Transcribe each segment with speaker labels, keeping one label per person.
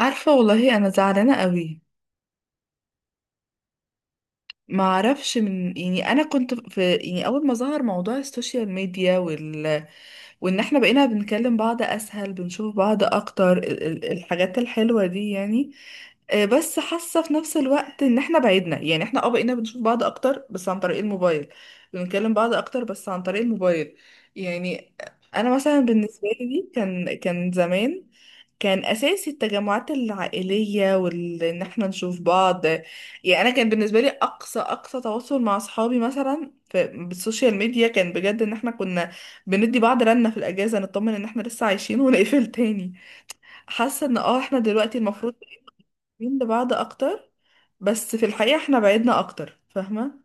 Speaker 1: عارفة، والله أنا زعلانة قوي. ما أعرفش، يعني أنا كنت في، يعني، أول ما ظهر موضوع السوشيال ميديا، وان احنا بقينا بنكلم بعض اسهل، بنشوف بعض اكتر الحاجات الحلوة دي يعني. آه، بس حاسة في نفس الوقت ان احنا بعدنا. يعني احنا بقينا بنشوف بعض اكتر بس عن طريق الموبايل، بنتكلم بعض اكتر بس عن طريق الموبايل يعني. انا مثلا بالنسبة لي كان زمان كان اساسي التجمعات العائليه وان احنا نشوف بعض. يعني انا كان بالنسبه لي اقصى تواصل مع اصحابي مثلا في بالسوشيال ميديا، كان بجد ان احنا كنا بندي بعض رنة في الأجازة نطمن إن احنا لسه عايشين ونقفل تاني. حاسة إن احنا دلوقتي المفروض قريبين لبعض أكتر، بس في الحقيقة احنا بعدنا أكتر. فاهمة؟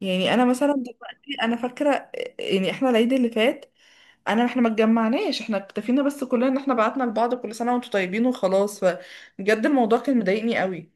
Speaker 1: يعني أنا مثلا دلوقتي أنا فاكرة، يعني احنا العيد اللي فات أنا، احنا ما اتجمعناش، احنا اكتفينا بس كلنا إن احنا بعتنا لبعض كل سنة وانتوا طيبين وخلاص. فبجد الموضوع كان مضايقني قوي.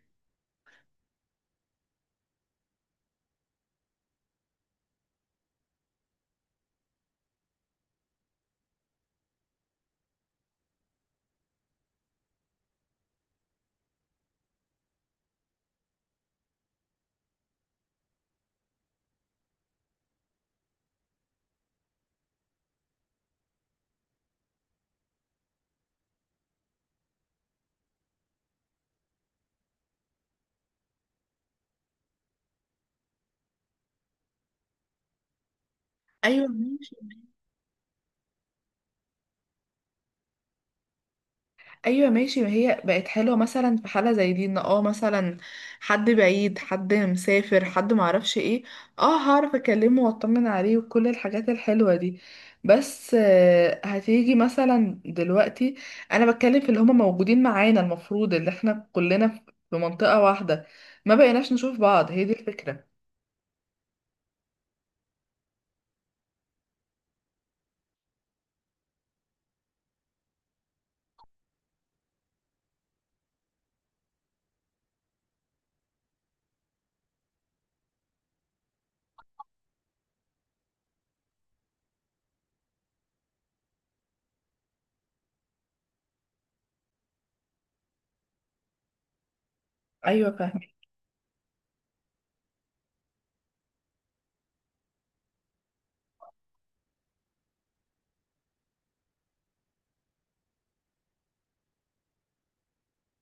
Speaker 1: أيوة ماشي. ايوه ماشي. ما هي بقت حلوه مثلا في حاله زي دي، ان مثلا حد بعيد، حد مسافر، حد معرفش ايه. اه، هعرف اكلمه واطمن عليه وكل الحاجات الحلوه دي. بس آه، هتيجي مثلا دلوقتي انا بتكلم في اللي هما موجودين معانا، المفروض اللي احنا كلنا في منطقه واحده ما بقيناش نشوف بعض. هي دي الفكره. ايوه فاهمه.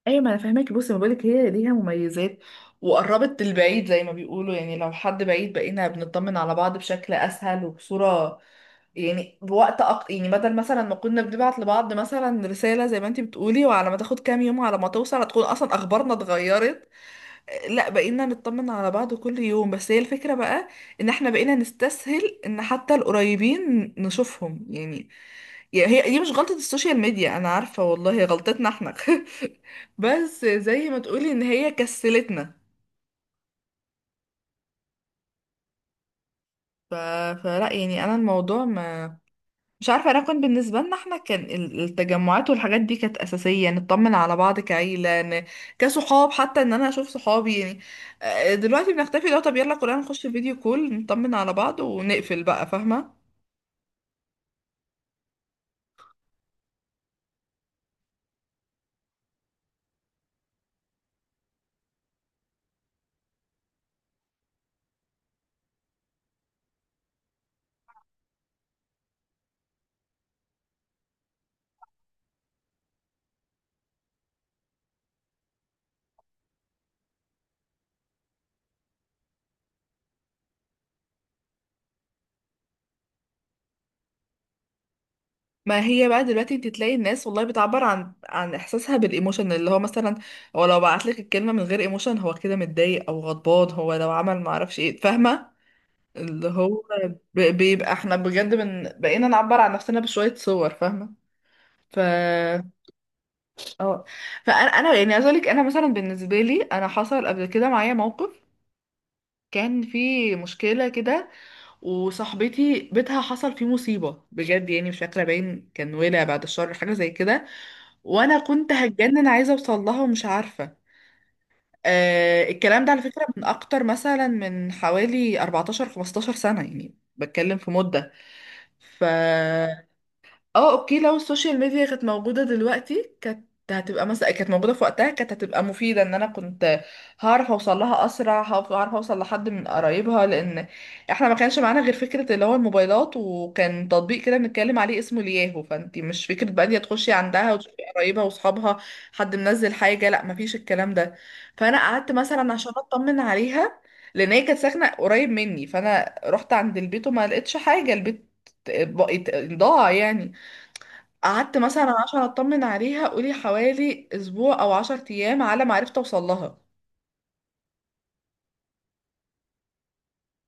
Speaker 1: ايوه ما انا فاهمك. بصي، ما بقولك هي ليها مميزات وقربت البعيد زي ما بيقولوا. يعني لو حد بعيد بقينا بنطمن على بعض بشكل اسهل وبصوره يعني، بوقت، يعني بدل مثلا ما كنا بنبعت لبعض مثلا رساله زي ما انتي بتقولي، وعلى ما تاخد كام يوم، على ما توصل هتكون اصلا اخبارنا اتغيرت. لا، بقينا نطمن على بعض كل يوم، بس هي الفكره بقى ان احنا بقينا نستسهل ان حتى القريبين نشوفهم يعني. يعني هي دي مش غلطة السوشيال ميديا، انا عارفة والله، هي غلطتنا احنا. بس زي ما تقولي ان هي كسلتنا. ف... فلا يعني انا الموضوع ما، مش عارفة. انا كنت بالنسبة لنا احنا كان التجمعات والحاجات دي كانت اساسية نطمن على بعض كعيلة، كصحاب، حتى ان انا اشوف صحابي يعني. آه، دلوقتي بنختفي. لو طب يلا كلنا نخش فيديو كول نطمن على بعض ونقفل بقى. فاهمة؟ ما هي بقى دلوقتي انت تلاقي الناس والله بتعبر عن احساسها بالايموشن، اللي هو مثلا، هو لو بعت لك الكلمه من غير ايموشن، هو كده متضايق او غضبان، هو لو عمل ما اعرفش ايه، فاهمه. اللي هو بيبقى احنا بجد من بقينا نعبر عن نفسنا بشويه صور فاهمه. ف اه فانا يعني عايزه اقول لك، انا مثلا بالنسبه لي انا حصل قبل كده معايا موقف، كان في مشكلة كده. وصاحبتي بيتها حصل فيه مصيبة بجد، يعني مش فاكرة باين كان ولع بعد الشر حاجة زي كده. وانا كنت هتجنن عايزة اوصل لها ومش عارفة. آه، الكلام ده على فكرة من اكتر مثلا من حوالي 14 15 سنة، يعني بتكلم في مدة. ف اه اوكي، لو السوشيال ميديا كانت موجودة دلوقتي كانت هتبقى مثلا، كانت موجودة في وقتها كانت هتبقى مفيدة، ان انا كنت هعرف اوصل لها اسرع، هعرف اوصل لحد من قرايبها. لان احنا ما كانش معانا غير فكرة اللي هو الموبايلات، وكان تطبيق كده بنتكلم عليه اسمه الياهو. فانتي مش فكرة بقى إن هي تخشي عندها وتشوفي قرايبها واصحابها حد منزل حاجة. لا، مفيش الكلام ده. فانا قعدت مثلا عشان اطمن عليها، لان هي كانت ساكنة قريب مني. فانا رحت عند البيت وما لقيتش حاجة، البيت بقيت ضاع يعني. قعدت مثلا عشان اطمن عليها قولي حوالي اسبوع او عشر ايام على ما عرفت اوصل لها.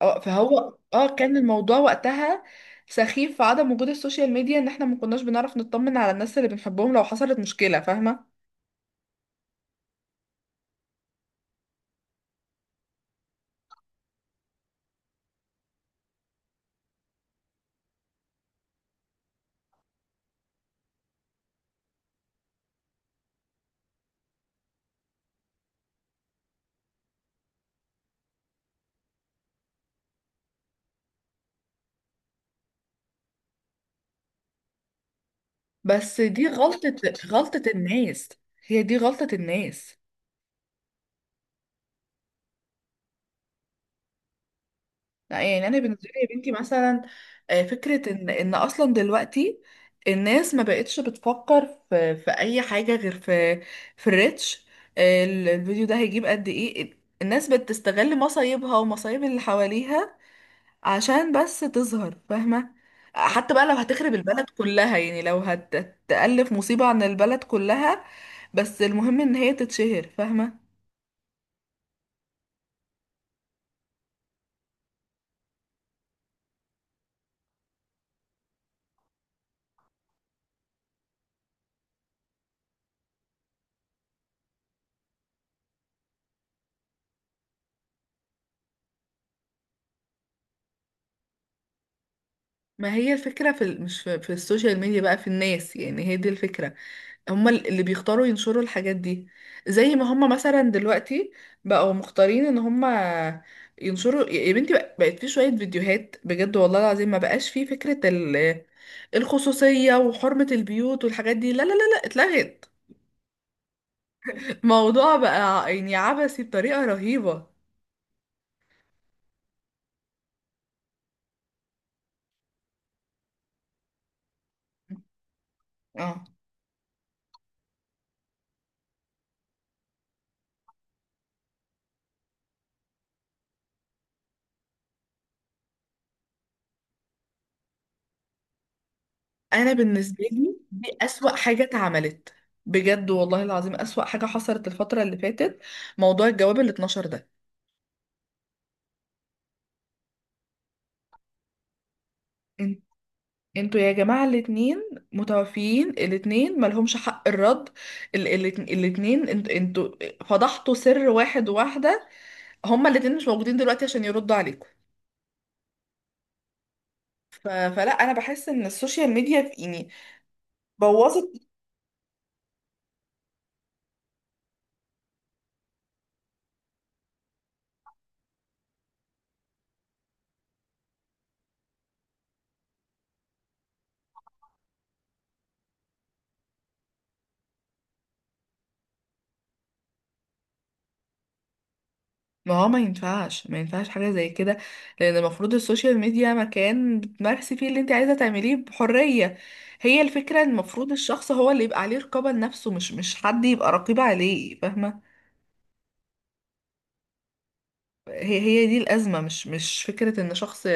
Speaker 1: أه، فهو كان الموضوع وقتها سخيف في عدم وجود السوشيال ميديا، ان احنا ما كناش بنعرف نطمن على الناس اللي بنحبهم لو حصلت مشكلة. فاهمة؟ بس دي غلطة، غلطة الناس. هي دي غلطة الناس. لا يعني انا بالنسبه لي يا بنتي مثلا، آه، فكره ان، ان اصلا دلوقتي الناس ما بقتش بتفكر في اي حاجه غير في الريتش. آه، الفيديو ده هيجيب قد ايه. الناس بتستغل مصايبها ومصايب اللي حواليها عشان بس تظهر فاهمه. حتى بقى لو هتخرب البلد كلها، يعني لو هتألف مصيبه عن البلد كلها، بس المهم ان هي تتشهر فاهمه. ما هي الفكره في ال- مش في, في السوشيال ميديا بقى، في الناس. يعني هي دي الفكره. هم اللي بيختاروا ينشروا الحاجات دي، زي ما هم مثلا دلوقتي بقوا مختارين ان هم ينشروا. يا بنتي، بقت في شوية فيديوهات بجد والله العظيم ما بقاش في فكرة الخصوصية وحرمة البيوت والحاجات دي، لا لا لا لا، اتلغت. الموضوع بقى يعني عبثي بطريقة رهيبة. اه، انا بالنسبة لي دي اسوأ حاجة اتعملت، بجد والله العظيم اسوأ حاجة حصلت الفترة اللي فاتت موضوع الجواب اللي اتنشر ده. انتوا يا جماعة، الاتنين متوفيين، الاتنين ملهمش حق الرد. ال الاتنين، انتوا فضحتوا سر واحد وواحدة. هما الاتنين مش موجودين دلوقتي عشان يردوا عليكم. فلا، انا بحس ان السوشيال ميديا، في يعني، بوظت. ما هو ما ينفعش حاجة زي كده. لان المفروض السوشيال ميديا مكان بتمارسي فيه اللي انت عايزة تعمليه بحرية. هي الفكرة إن المفروض الشخص هو اللي يبقى عليه رقابة لنفسه، مش حد يبقى رقيب عليه. فاهمة؟ هي دي الأزمة. مش فكرة ان شخص،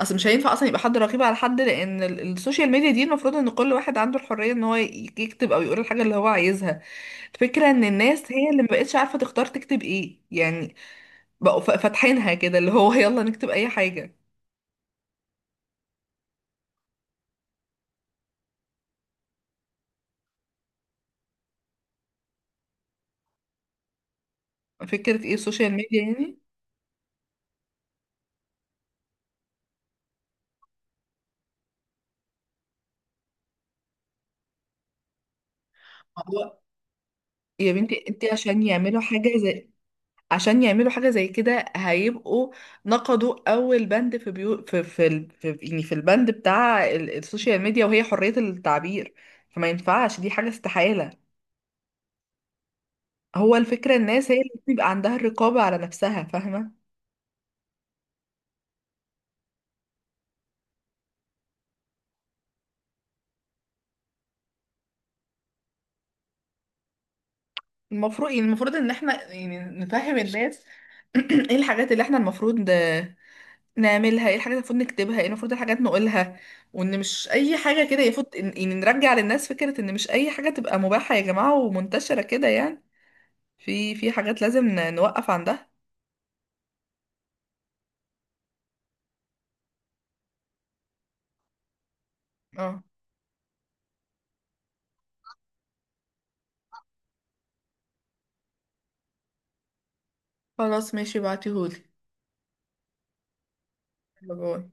Speaker 1: اصل مش هينفع اصلا يبقى حد رقيب على حد. لان السوشيال ميديا دي المفروض ان كل واحد عنده الحرية ان هو يكتب او يقول الحاجة اللي هو عايزها. الفكرة ان الناس هي اللي مبقتش عارفة تختار تكتب ايه يعني. بقوا فاتحينها كده اللي هو، يلا نكتب اي حاجة. فكرة ايه السوشيال ميديا يعني. هو يا بنتي انت عشان يعملوا حاجة زي، عشان يعملوا حاجة زي كده هيبقوا نقضوا أول بند في بيو في في يعني في البند بتاع السوشيال ميديا، وهي حرية التعبير. فما ينفعش، دي حاجة استحالة. هو الفكرة الناس هي اللي بيبقى عندها الرقابة على نفسها. فاهمة؟ المفروض يعني، المفروض إن احنا يعني نفهم الناس. ايه الحاجات اللي احنا المفروض نعملها، ايه الحاجات اللي المفروض نكتبها، ايه المفروض الحاجات نقولها. وان مش اي حاجة كده يفوت. يعني نرجع للناس فكرة ان مش اي حاجة تبقى مباحة يا جماعة ومنتشرة كده يعني. في، حاجات لازم نوقف عندها. اه خلاص ماشي، بعتيهولي. يلا باي.